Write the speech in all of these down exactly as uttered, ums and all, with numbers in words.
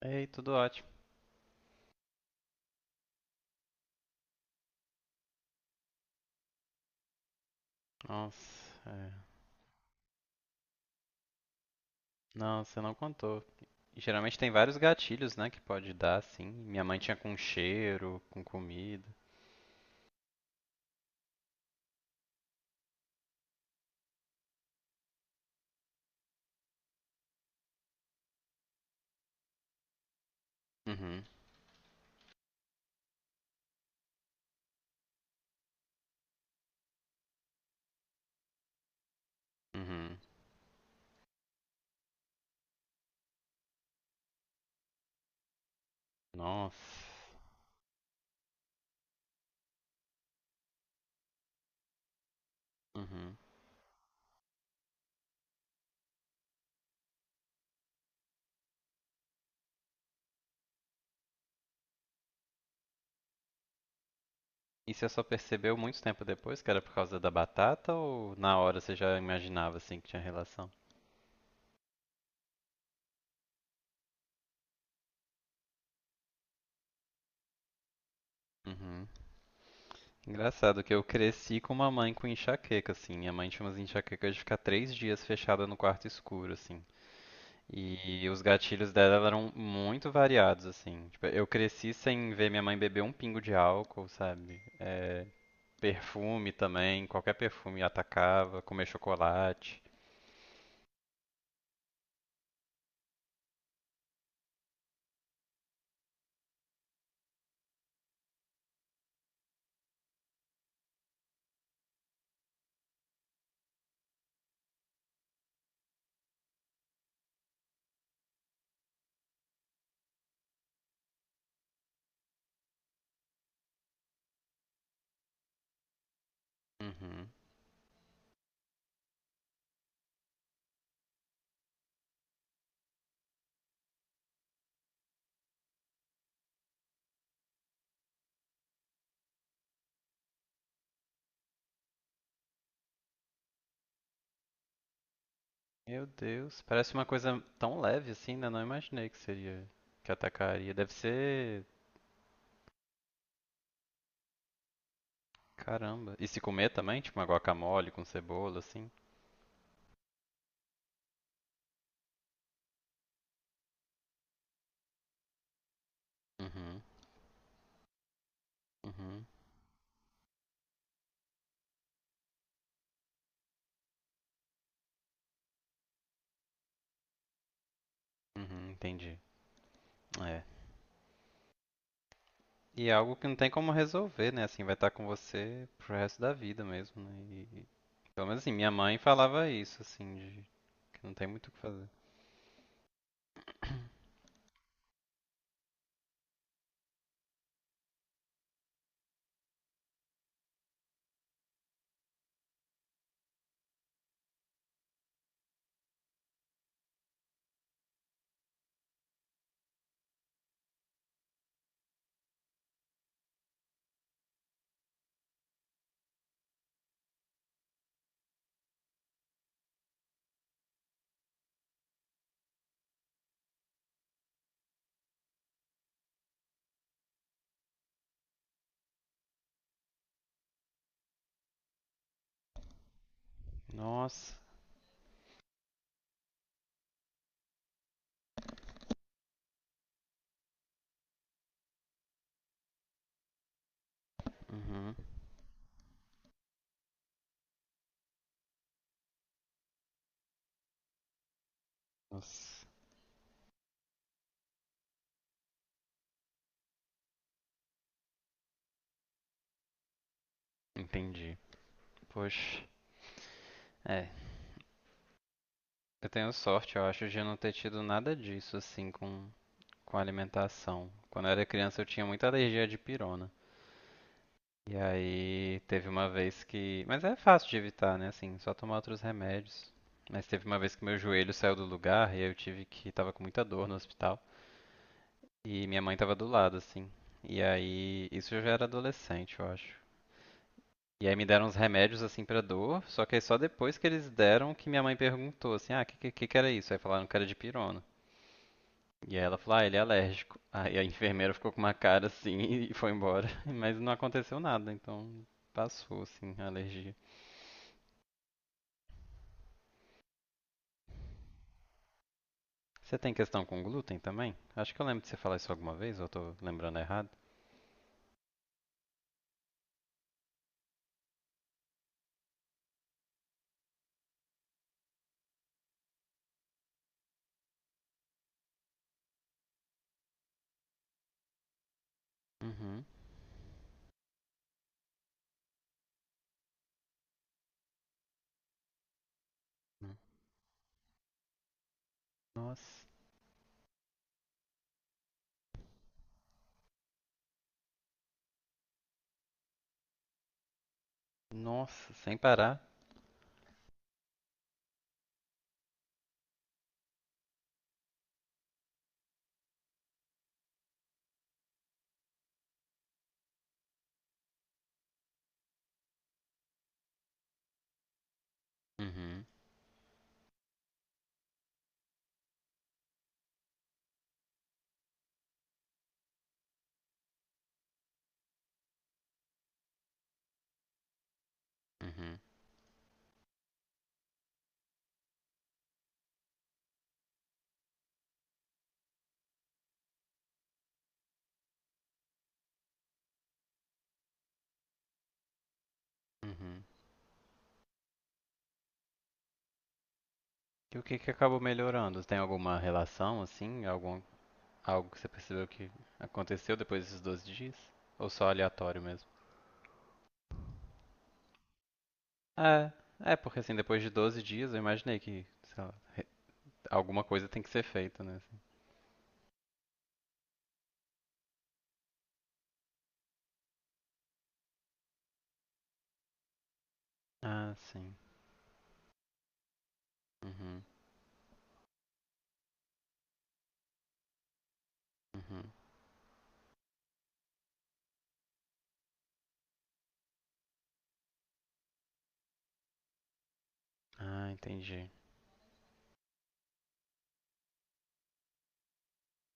Ei, tudo ótimo. Nossa, é. Não, você não contou. E geralmente tem vários gatilhos, né, que pode dar, assim. Minha mãe tinha com cheiro, com comida. Uhum, uhum. Nossa. Uhum. E você só percebeu muito tempo depois que era por causa da batata ou na hora você já imaginava, assim, que tinha relação? Uhum. Engraçado que eu cresci com uma mãe com enxaqueca, assim. Minha mãe tinha umas enxaquecas de ficar três dias fechada no quarto escuro, assim. E os gatilhos dela eram muito variados, assim. Tipo, eu cresci sem ver minha mãe beber um pingo de álcool, sabe? É, perfume também, qualquer perfume atacava, comer chocolate. Uhum. Meu Deus, parece uma coisa tão leve assim, né? Não imaginei que seria, que atacaria. Deve ser, caramba. E se comer também, tipo uma guacamole com cebola, assim? Uhum, uhum, uhum, entendi. É. E é algo que não tem como resolver, né? Assim, vai estar com você pro resto da vida mesmo, né? E, pelo menos assim, minha mãe falava isso, assim, de que não tem muito o que fazer. Nossa. Uhum. Nossa. Entendi. Poxa. É. Eu tenho sorte, eu acho, de não ter tido nada disso, assim, com, com alimentação. Quando eu era criança, eu tinha muita alergia de pirona. E aí teve uma vez que. Mas é fácil de evitar, né? Assim, só tomar outros remédios. Mas teve uma vez que meu joelho saiu do lugar e aí eu tive que. Tava com muita dor no hospital. E minha mãe tava do lado, assim. E aí. Isso eu já era adolescente, eu acho. E aí me deram uns remédios, assim, pra dor. Só que aí só depois que eles deram que minha mãe perguntou, assim, ah, o que, que, que que era isso? Aí falaram que era de pirona. E aí ela falou, ah, ele é alérgico. Aí a enfermeira ficou com uma cara assim e foi embora. Mas não aconteceu nada, então passou, assim, a alergia. Você tem questão com glúten também? Acho que eu lembro de você falar isso alguma vez, ou eu tô lembrando errado. Uhum. Hum. Nossa. Nossa, sem parar. Uhum. Uhum. Uhum. E o que que acabou melhorando? Tem alguma relação, assim? Algum, algo que você percebeu que aconteceu depois desses doze dias? Ou só aleatório mesmo? É, é, porque assim, depois de doze dias eu imaginei que, sei lá, re- alguma coisa tem que ser feita, né? Ah, sim. Uhum. Uhum. Ah, entendi.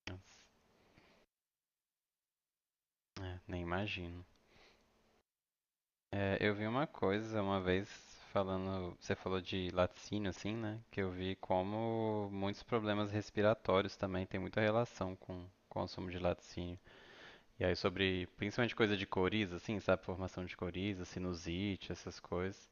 Nossa, é, nem imagino. É, eu vi uma coisa uma vez falando, você falou de laticínio assim, né? Que eu vi como muitos problemas respiratórios também têm muita relação com o consumo de laticínio. E aí sobre, principalmente coisa de coriza, assim, sabe? Formação de coriza, sinusite, essas coisas.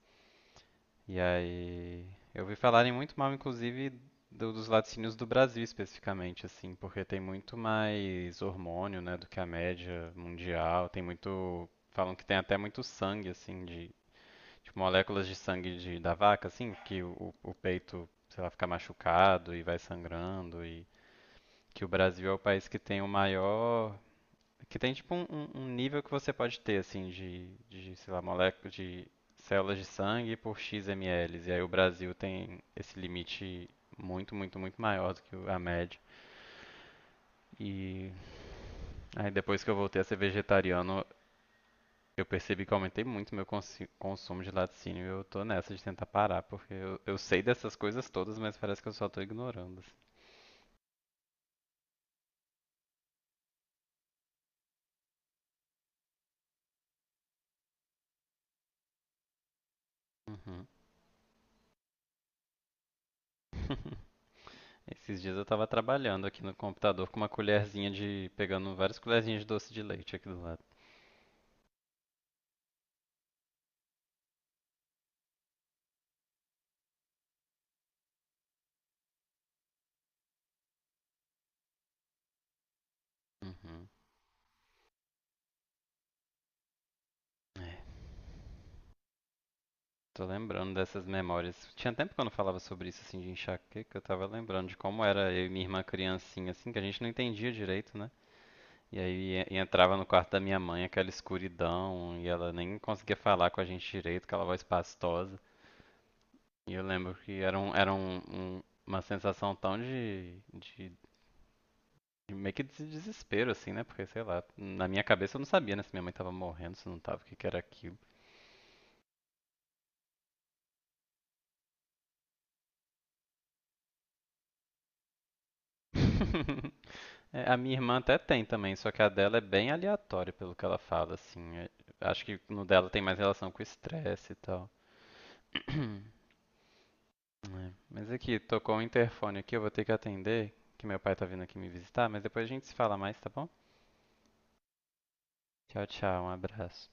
E aí eu vi falarem muito mal, inclusive, do- dos laticínios do Brasil especificamente, assim, porque tem muito mais hormônio, né, do que a média mundial. Tem muito, falam que tem até muito sangue, assim, de tipo, moléculas de sangue de, da vaca, assim, que o, o peito, sei lá, fica machucado e vai sangrando e que o Brasil é o país que tem o maior, que tem tipo um, um- um nível que você pode ter, assim, de, de, sei lá, moléculas de células de sangue por x ml. E aí o Brasil tem esse limite muito, muito, muito maior do que o- a média. E aí depois que eu voltei a ser vegetariano, eu percebi que eu aumentei muito meu consi- consumo de laticínio e eu tô nessa de tentar parar, porque eu, eu sei dessas coisas todas, mas parece que eu só tô ignorando, assim. Uhum. Esses dias eu tava trabalhando aqui no computador com uma colherzinha de, pegando várias colherzinhas de doce de leite aqui do lado. Uhum. É. Tô lembrando dessas memórias. Tinha tempo que eu não falava sobre isso, assim, de enxaqueca. Eu tava lembrando de como era eu e minha irmã criancinha, assim, que a gente não entendia direito, né? E aí e- e entrava no quarto da minha mãe, aquela escuridão, e ela nem conseguia falar com a gente direito, aquela voz pastosa. E eu lembro que era, um, era um, um- uma sensação tão de, de, de meio que de desespero, assim, né? Porque, sei lá, na minha cabeça eu não sabia, né, se minha mãe tava morrendo, se não tava, o que que era aquilo. É, a minha irmã até tem também, só que a dela é bem aleatória pelo que ela fala, assim. É, acho que no dela tem mais relação com o estresse e tal. É, mas aqui, tocou o interfone aqui, eu vou ter que atender, que meu pai tá vindo aqui me visitar, mas depois a gente se fala mais, tá bom? Tchau, tchau, um abraço.